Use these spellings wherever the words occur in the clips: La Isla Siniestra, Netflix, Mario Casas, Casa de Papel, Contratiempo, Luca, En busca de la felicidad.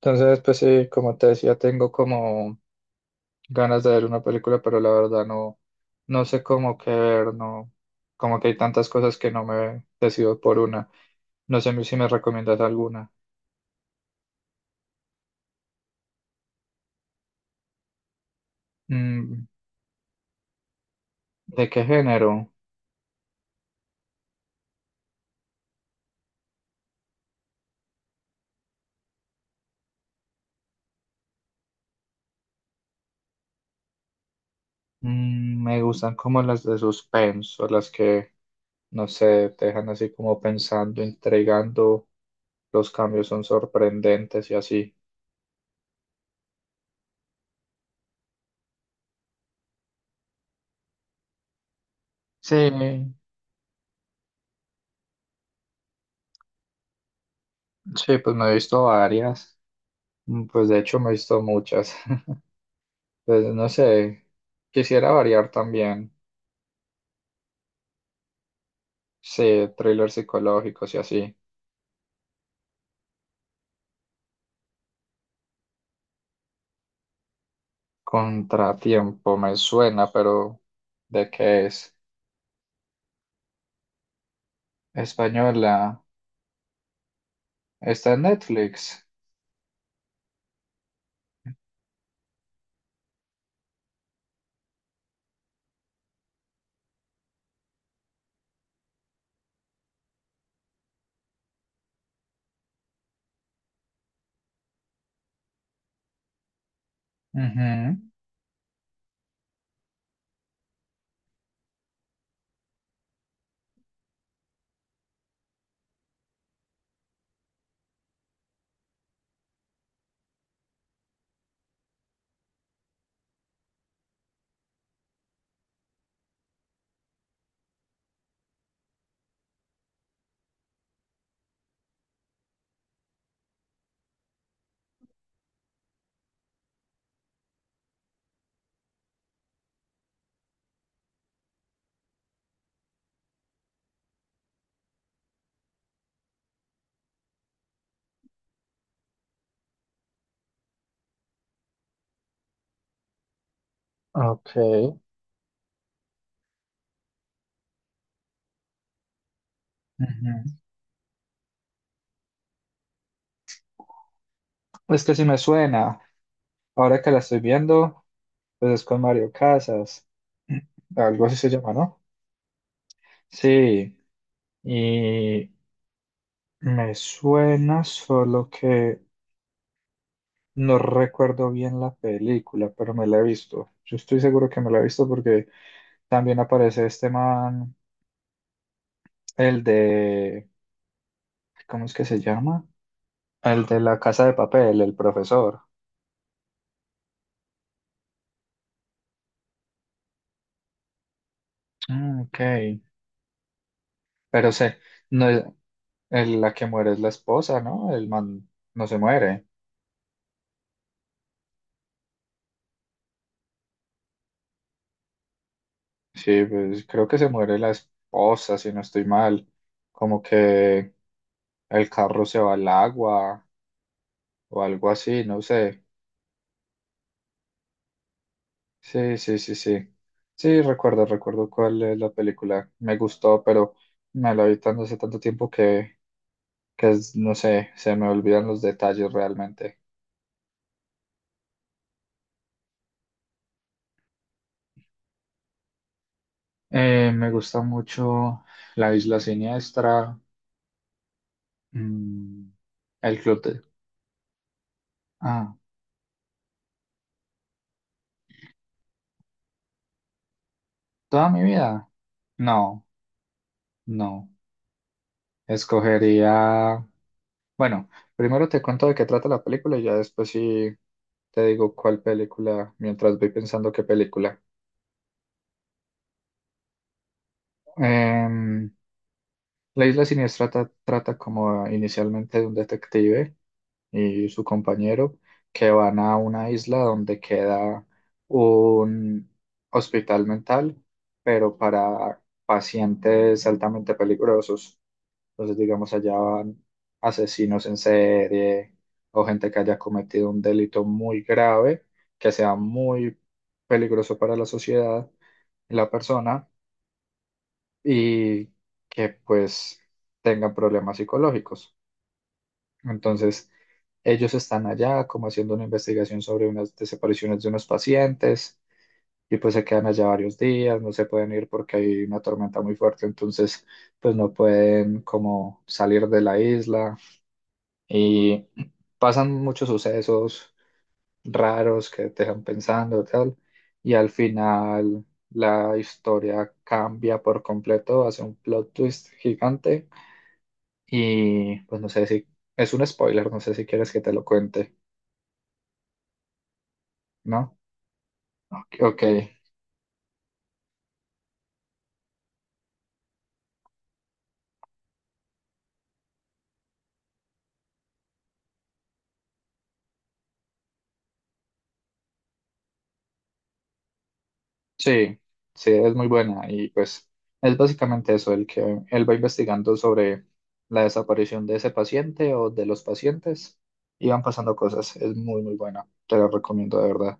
Entonces, pues sí, como te decía, tengo como ganas de ver una película, pero la verdad no sé cómo qué ver, no, como que hay tantas cosas que no me decido por una. No sé si me recomiendas alguna. Mm, ¿de qué género? Mm, me gustan como las de suspenso, las que, no sé, te dejan así como pensando, intrigando, los cambios son sorprendentes y así. Sí, sí, pues me he visto varias, mm, pues de hecho me he visto muchas. Pues no sé, quisiera variar también. Sí, thrillers psicológicos y así. Contratiempo me suena, pero ¿de qué es? Española. Está en Netflix. Ujú, ok. Ujú. Es que sí me suena. Ahora que la estoy viendo, pues es con Mario Casas. Algo así se llama, ¿no? Sí. Y me suena solo que. No recuerdo bien la película, pero me la he visto. Yo estoy seguro que me la he visto porque también aparece este man, el de, ¿cómo es que se llama? El de la Casa de Papel, el profesor. Ah, ok. Pero sé, no es, el- la que muere es la esposa, ¿no? El man no se muere. Sí, pues creo que se muere la esposa, si no estoy mal. Como que el carro se va al agua o algo así, no sé. Sí, sí, sí, sí. Sí, recuerdo cuál es la película. Me gustó, pero me la vi tanto hace tanto tiempo que es- no sé, se me olvidan los detalles realmente. Me gusta mucho La Isla Siniestra, mm, El Club de. Ah, ¿toda mi vida? No, no. Escogería. Bueno, primero te cuento de qué trata la película y ya después sí te digo cuál película, mientras voy pensando qué película. Em, La isla siniestra ta- trata como inicialmente de un detective y su compañero que van a una isla donde queda un hospital mental, pero para pacientes altamente peligrosos. Entonces, digamos, allá van asesinos en serie o gente que haya cometido un delito muy grave, que sea muy peligroso para la sociedad y la persona y que pues tengan problemas psicológicos. Entonces, ellos están allá como haciendo una investigación sobre unas desapariciones de unos pacientes y pues se quedan allá varios días, no se pueden ir porque hay una tormenta muy fuerte, entonces pues no pueden como salir de la isla y pasan muchos sucesos raros que te dejan pensando tal y al final la historia cambia por completo, hace un plot twist gigante. Y pues no sé si es un spoiler, no sé si quieres que te lo cuente, ¿no? Ok, sí, sí, es muy buena y pues es básicamente eso, el que él va investigando sobre la desaparición de ese paciente o de los pacientes y van pasando cosas, es muy muy buena, te la recomiendo de verdad.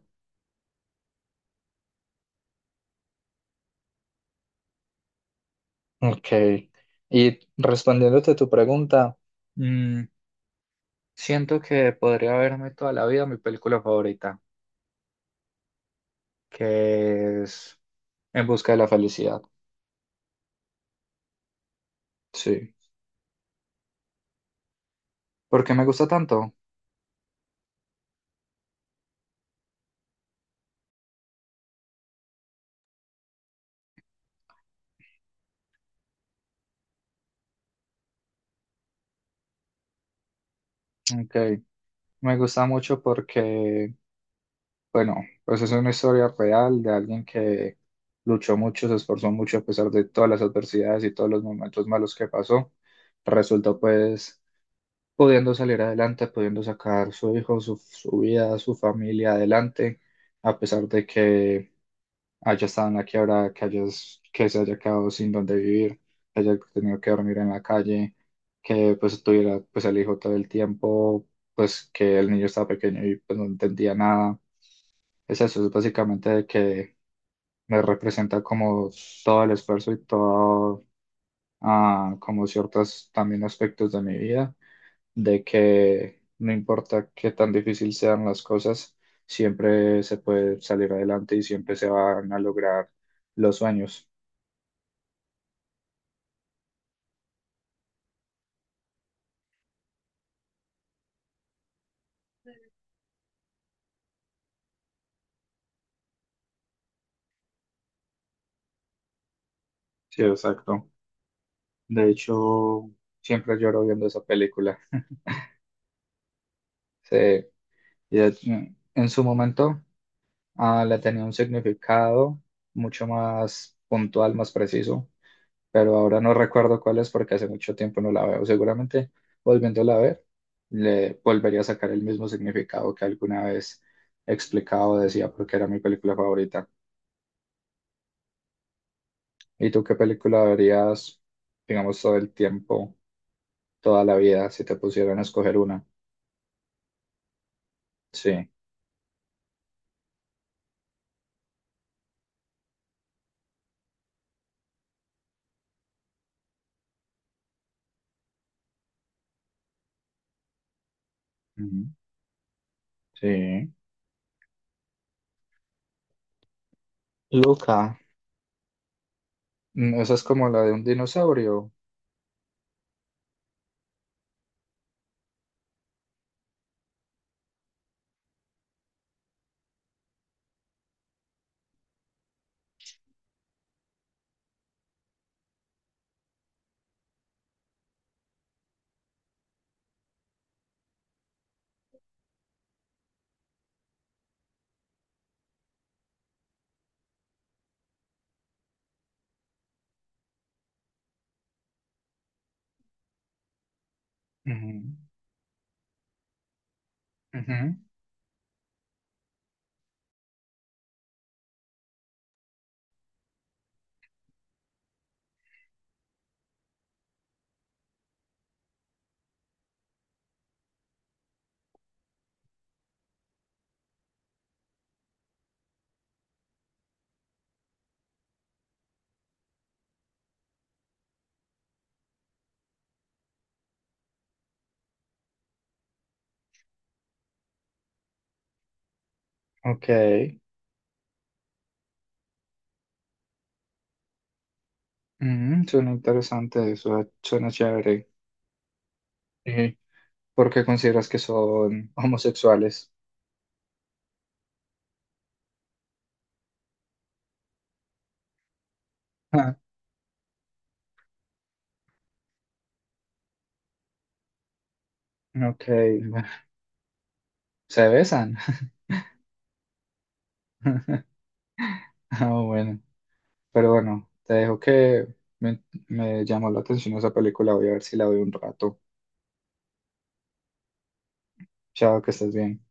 Ok, y respondiéndote a tu pregunta, mm, siento que podría verme toda la vida mi película favorita, que es En busca de la felicidad, sí. ¿Por qué me gusta tanto? Ok, me gusta mucho porque, bueno, pues es una historia real de alguien que luchó mucho, se esforzó mucho a pesar de todas las adversidades y todos los momentos malos que pasó. Resultó pues pudiendo salir adelante, pudiendo sacar su hijo, su vida, su familia adelante, a pesar de que haya estado en la quiebra, que, hayas- que se haya quedado sin dónde vivir, que haya tenido que dormir en la calle, que pues tuviera pues el hijo todo el tiempo, pues que el niño estaba pequeño y pues no entendía nada. Es eso, es básicamente de que me representa como todo el esfuerzo y todo, ah, como ciertos también aspectos de mi vida de que no importa qué tan difícil sean las cosas, siempre se puede salir adelante y siempre se van a lograr los sueños. Sí, exacto. De hecho, siempre lloro viendo esa película. Sí, y de- en su momento ah, le tenía un significado mucho más puntual, más preciso, pero ahora no recuerdo cuál es porque hace mucho tiempo no la veo. Seguramente volviéndola a ver, le volvería a sacar el mismo significado que alguna vez explicaba o decía porque era mi película favorita. ¿Y tú qué película verías, digamos, todo el tiempo, toda la vida, si te pusieran a escoger una? Sí. Ujú. Sí. Luca. Mm, esa es como la de un dinosaurio. Ujú. Ujú. Ok. Ujú, suena interesante, eso suena chévere. ¿Porque consideras que son homosexuales? Ah, ok, bueno, se besan. Ah, bueno, pero bueno, te dejo que me, me llamó la atención esa película, voy a ver si la veo un rato. Chao, que estés bien.